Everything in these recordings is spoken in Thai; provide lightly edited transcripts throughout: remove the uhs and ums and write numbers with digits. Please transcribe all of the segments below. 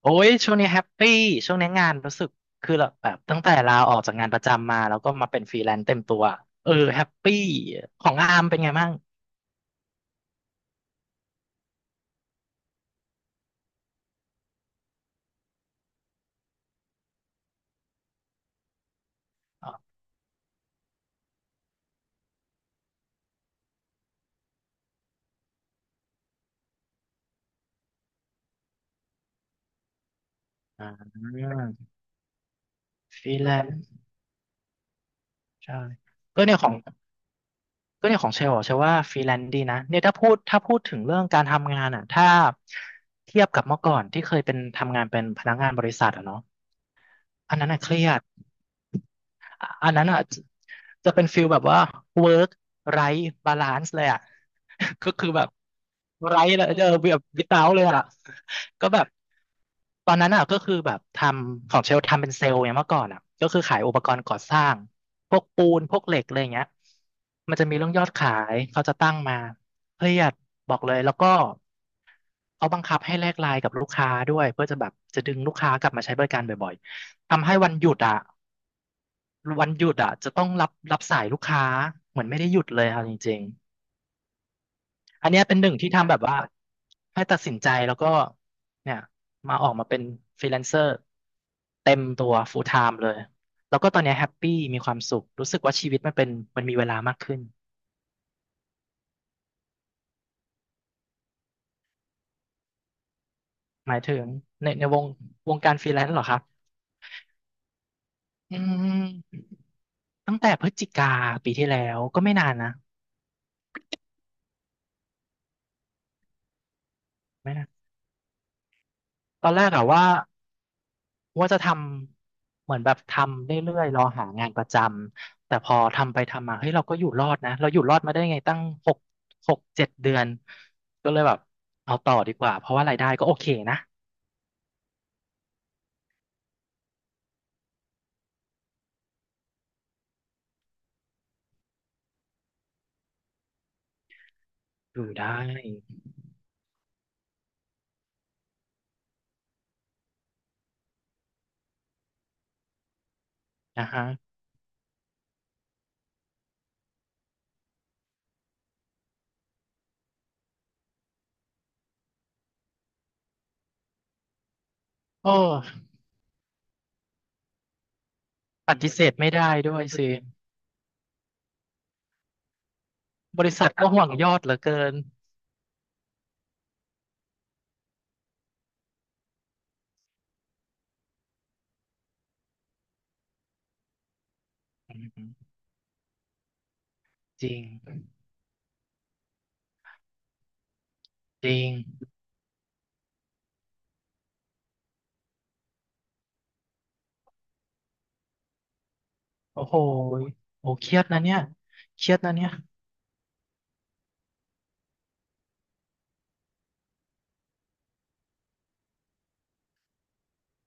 โอ้ยช่วงนี้แฮปปี้ช่วงนี้งานรู้สึกคือแบบตั้งแต่ลาออกจากงานประจำมาแล้วก็มาเป็นฟรีแลนซ์เต็มตัวเออแฮปปี้ของอาร์มเป็นไงบ้างอ๋ออ่าฟรีแลนซ์ใช่ก็เนี่ยของก็เนี่ยของเชลล์อะเชลว่าฟรีแลนซ์ดีนะเนี่ยถ้าพูดถึงเรื่องการทำงานอ่ะถ้าเทียบกับเมื่อก่อนที่เคยเป็นทำงานเป็นพนักงานบริษัทอ่ะเนาะอันนั้นอ่ะเครียด อะอันนั้นอ่ะจะจะเป็นฟิลแบบว่า work ไร้บาลานซ์เลยอ่ะ ก็คือแบบไร้เลยเออแบบวิตาเลยอ่ะก็แบบตอนนั้นอ่ะก็คือแบบทำของเชลทำเป็นเซลล์เนี่ยเมื่อก่อนอ่ะก็คือขายอุปกรณ์ก่อสร้างพวกปูนพวกเหล็กอะไรอย่างเงี้ยมันจะมีเรื่องยอดขายเขาจะตั้งมาเครียดบอกเลยแล้วก็เขาบังคับให้แลกไลน์กับลูกค้าด้วยเพื่อจะแบบจะดึงลูกค้ากลับมาใช้บริการบ่อยๆทำให้วันหยุดอ่ะ วันหยุดอ่ะจะต้องรับสายลูกค้าเหมือนไม่ได้หยุดเลยค่ะจริงๆอันเนี้ยเป็นหนึ่งที่ทำแบบว่าให้ตัดสินใจแล้วก็เนี่ยมาออกมาเป็นฟรีแลนเซอร์เต็มตัว full time เลยแล้วก็ตอนเนี้ยแฮปปี้มีความสุขรู้สึกว่าชีวิตมันเป็นมันมีเวลามากขึ้นหมายถึงในวงวงการฟรีแลนซ์เหรอครับอืมตั้งแต่พฤศจิกาปีที่แล้วก็ไม่นานนะไม่นานตอนแรกอะว่า ว่าจะทำเหมือนแบบทำเรื่อยๆรอหางานประจำแต่พอทำไปทำมาเฮ้ยเราก็อยู่รอดนะเราอยู่รอดมาได้ไงตั้งหกหกเจ็ดเดือนก็เลยแบบเอาต่อดีกว่าเพราะว่ารายได้ก็โอเคนะอยู่ได้นะฮะโอ้ปฏิเสธไม่ได้ด้วยสิบริษัทก็ห่วงยอดเหลือเกินอืมจริงจริงโอ้โหโอ้เครียดนะเนี่ยเครียดนะเนี่ย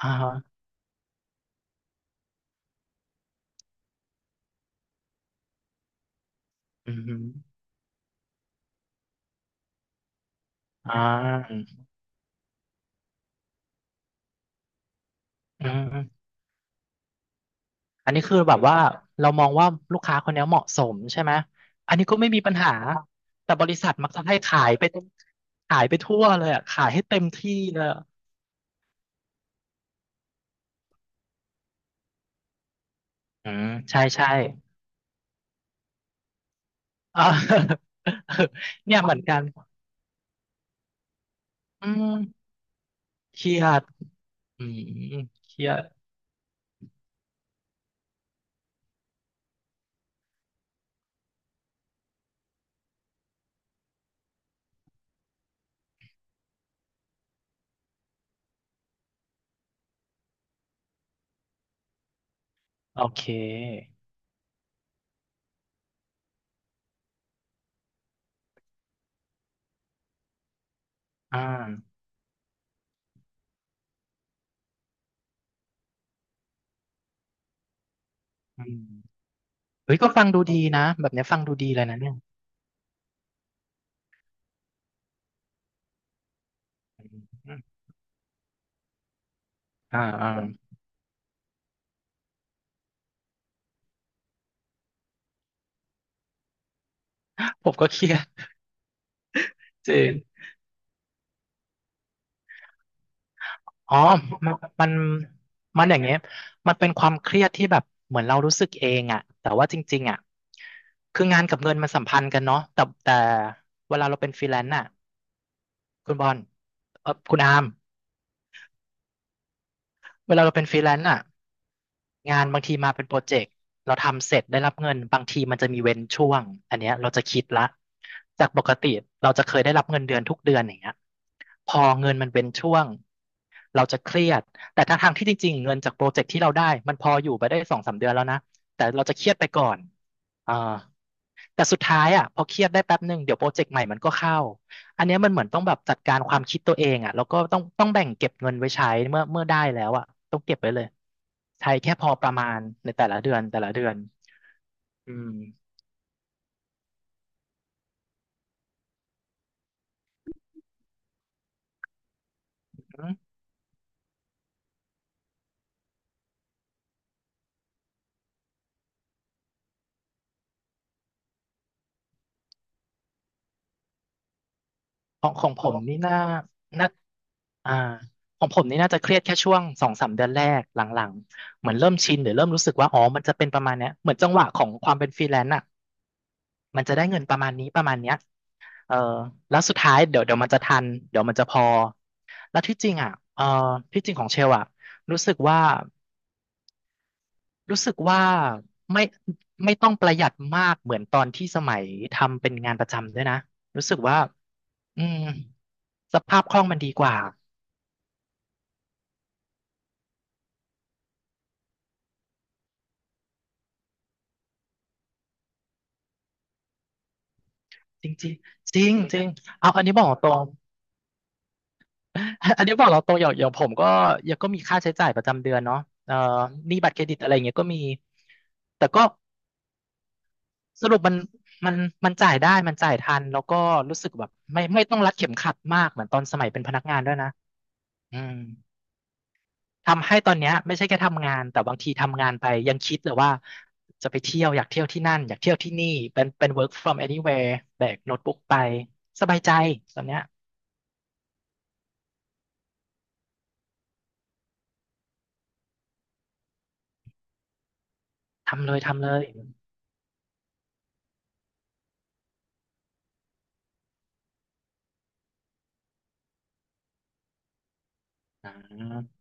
อ่าฮะอืมอหืออ่าอืม อันนี้คือแบบว่าเรามองว่าลูกค้าคนเนี้ยเหมาะสมใช่ไหม อันนี้ก็ไม่มีปัญหาแต่บริษัทมักจะให้ขายไปขายไปทั่วเลยอ่ะขายให้เต็มที่เลยอะอืมใช่ใช่อ่า เนี่ยเหมือนกันอืมเครียดอืมเครียดโอเคอ่าอืมเฮ้ยก็ฟังดูดีนะแบบเนี้ยฟังดูดีเลยนะเนี่ยอืมอ่าอ่าผมก็เครียดจริง อ๋อมันมันมันอย่างเงี้ยมันเป็นความเครียดที่แบบเหมือนเรารู้สึกเองอะแต่ว่าจริงๆอะคืองานกับเงินมันสัมพันธ์กันเนาะแต่เวลาเราเป็นฟรีแลนซ์อะคุณบอลเออคุณอาร์มเวลาเราเป็นฟรีแลนซ์อะ งานบางทีมาเป็นโปรเจกต์เราทำเสร็จได้รับเงินบางทีมันจะมีเว้นช่วงอันเนี้ยเราจะคิดละจากปกติเราจะเคยได้รับเงินเดือนทุกเดือนอย่างเงี้ยพอเงินมันเว้นช่วงเราจะเครียดแต่ทั้งทางที่จริงๆเงินจากโปรเจกต์ที่เราได้มันพออยู่ไปได้สองสามเดือนแล้วนะแต่เราจะเครียดไปก่อนอ่าแต่สุดท้ายอ่ะพอเครียดได้แป๊บหนึ่งเดี๋ยวโปรเจกต์ใหม่มันก็เข้า อันเนี้ยมันเหมือนต้องแบบจัดการความคิดตัวเองอ่ะแล้วก็ต้องแบ่งเก็บเงินไว้ใช้เมื่อได้แล้วอ่ะต้องเก็บไว้เลยใช้แค่พอประมาณในแต่ละเดือนแต่ละเดือนอืมของผมนี่น่าน่าอ่าของผมนี่น่าจะเครียดแค่ช่วงสองสามเดือนแรกหลังๆเหมือนเริ่มชินหรือเริ่มรู้สึกว่าอ๋อมันจะเป็นประมาณเนี้ยเหมือนจังหวะของความเป็นฟรีแลนซ์อ่ะมันจะได้เงินประมาณนี้ประมาณเนี้ยเออแล้วสุดท้ายเดี๋ยวเดี๋ยวมันจะทันเดี๋ยวมันจะพอแล้วที่จริงอ่ะเออที่จริงของเชลอ่ะรู้สึกว่า รู้สึกว่าไม่ไม่ต้องประหยัดมากเหมือนตอนที่สมัยทำเป็นงานประจำด้วยนะรู้สึกว่าอืมสภาพคล่องมันดีกว่าจริงจริงจริงจริงเอาอันนี้บอกตรง อันนี้บอกเราตรงอย่างอย่างผมก็ยังก็มีค่าใช้จ่ายประจำเดือนเนาะเอ่อหนี้บัตรเครดิตอะไรเงี้ยก็มีแต่ก็สรุปมันมันจ่ายได้มันจ่ายทันแล้วก็รู้สึกแบบไม่ต้องรัดเข็มขัดมากเหมือนตอนสมัยเป็นพนักงานด้วยนะอืม ทำให้ตอนเนี้ยไม่ใช่แค่ทำงานแต่บางทีทำงานไปยังคิดเลยว่าจะไปเที่ยวอยากเที่ยวที่นั่นอยากเที่ยวที่นี่เป็น work from anywhere แบกโน้ตบุ๊กไปสบายใจตอนเนี้ยทำเลยทำเลยอ่า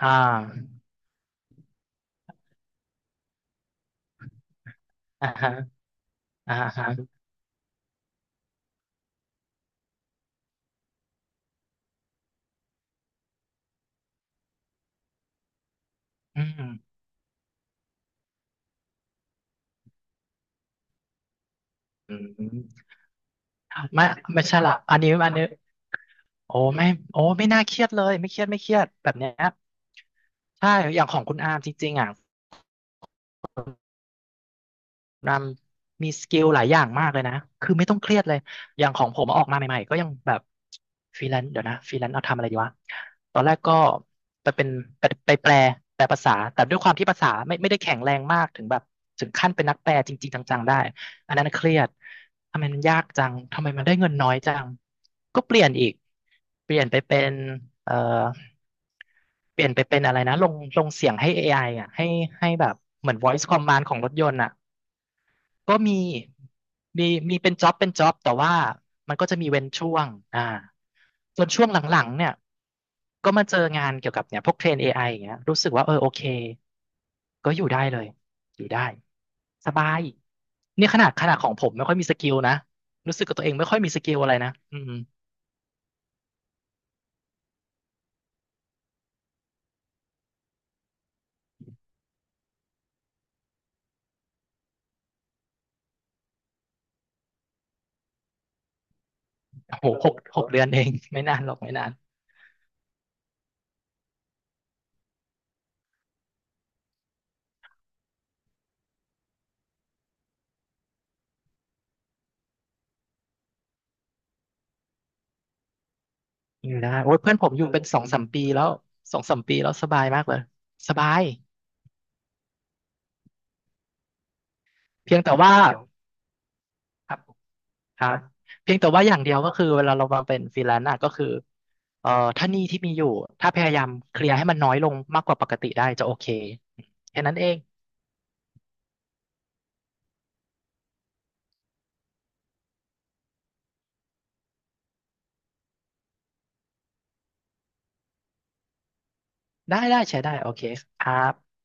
อ่าอ่าฮะอ่าฮะอืมอืมไม่ไม่ใช่ละอันนี้โอ้ไม่โอ้ไม่น่าเครียดเลยไม่เครียดไม่เครียดแบบเนี้ยใช่อย่างของคุณอาร์มจริงๆอ่ะ รำมีสกิลหลายอย่างมากเลยนะคือไม่ต้องเครียดเลย อย่างของผมออกมาใหม่ๆก็ยังแบบฟรีแลนซ์เดี๋ยวนะฟรีแลนซ์เอาทำอะไรดีวะ ตอนแรกก็ไปเป็นไปแปลภาษา แต่ด้วยความที่ภาษาไม่ได้แข็งแรงมากถึงแบบถึงขั้นเป็นนักแปลจริงๆจังๆได้ อันนั้นเครียดทำไมมันยากจังทำไมมันได้เงินน้อยจังก็เปลี่ยนอีกเปลี่ยนไปเป็นเอ่อเปลี่ยนไปเป็นอะไรนะลงเสียงให้ AI อไออ่ะให้ให้แบบเหมือน voice command ของรถยนต์อ่ะ ก็มีมีมีเป็นจ็อบเป็นจ็อบแต่ว่ามันก็จะมีเว้นช่วงอ่าจนช่วงหลังๆเนี่ยก็มาเจองานเกี่ยวกับเนี่ยพวกเทรน AI อไออย่างเงี้ยรู้สึกว่าเออโอเคก็อยู่ได้เลยอยู่ได้สบายเนี่ยขนาดของผมไม่ค่อยมีสกิลนะรู้สึกกับตัวเองไม่ค่อยมีสกิลอะไรนะอืมโอ้โหหกเดือนเอง ไม่นานหรอกไม่นานอยู่ได้โอ้ยเพื่อนผมอยู่เป็นสองสามปีแล้วสองสามปีแล้วสบายมากเลยสบายเพียงแต่ว่าครับ ครับเพียงแต่ว่าอย่างเดียวก็คือเวลาเรามาเป็นฟรีแลนซ์อะก็คือเอ่อถ้าหนี้ที่มีอยู่ถ้าพยายามเคลียร์ให้มันน้อยลงมากกว่าปกติได้จะโอเคแค่นั้นเองได้ได้ใช้ได้โอเคครับ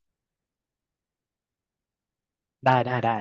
ได้ได้ได้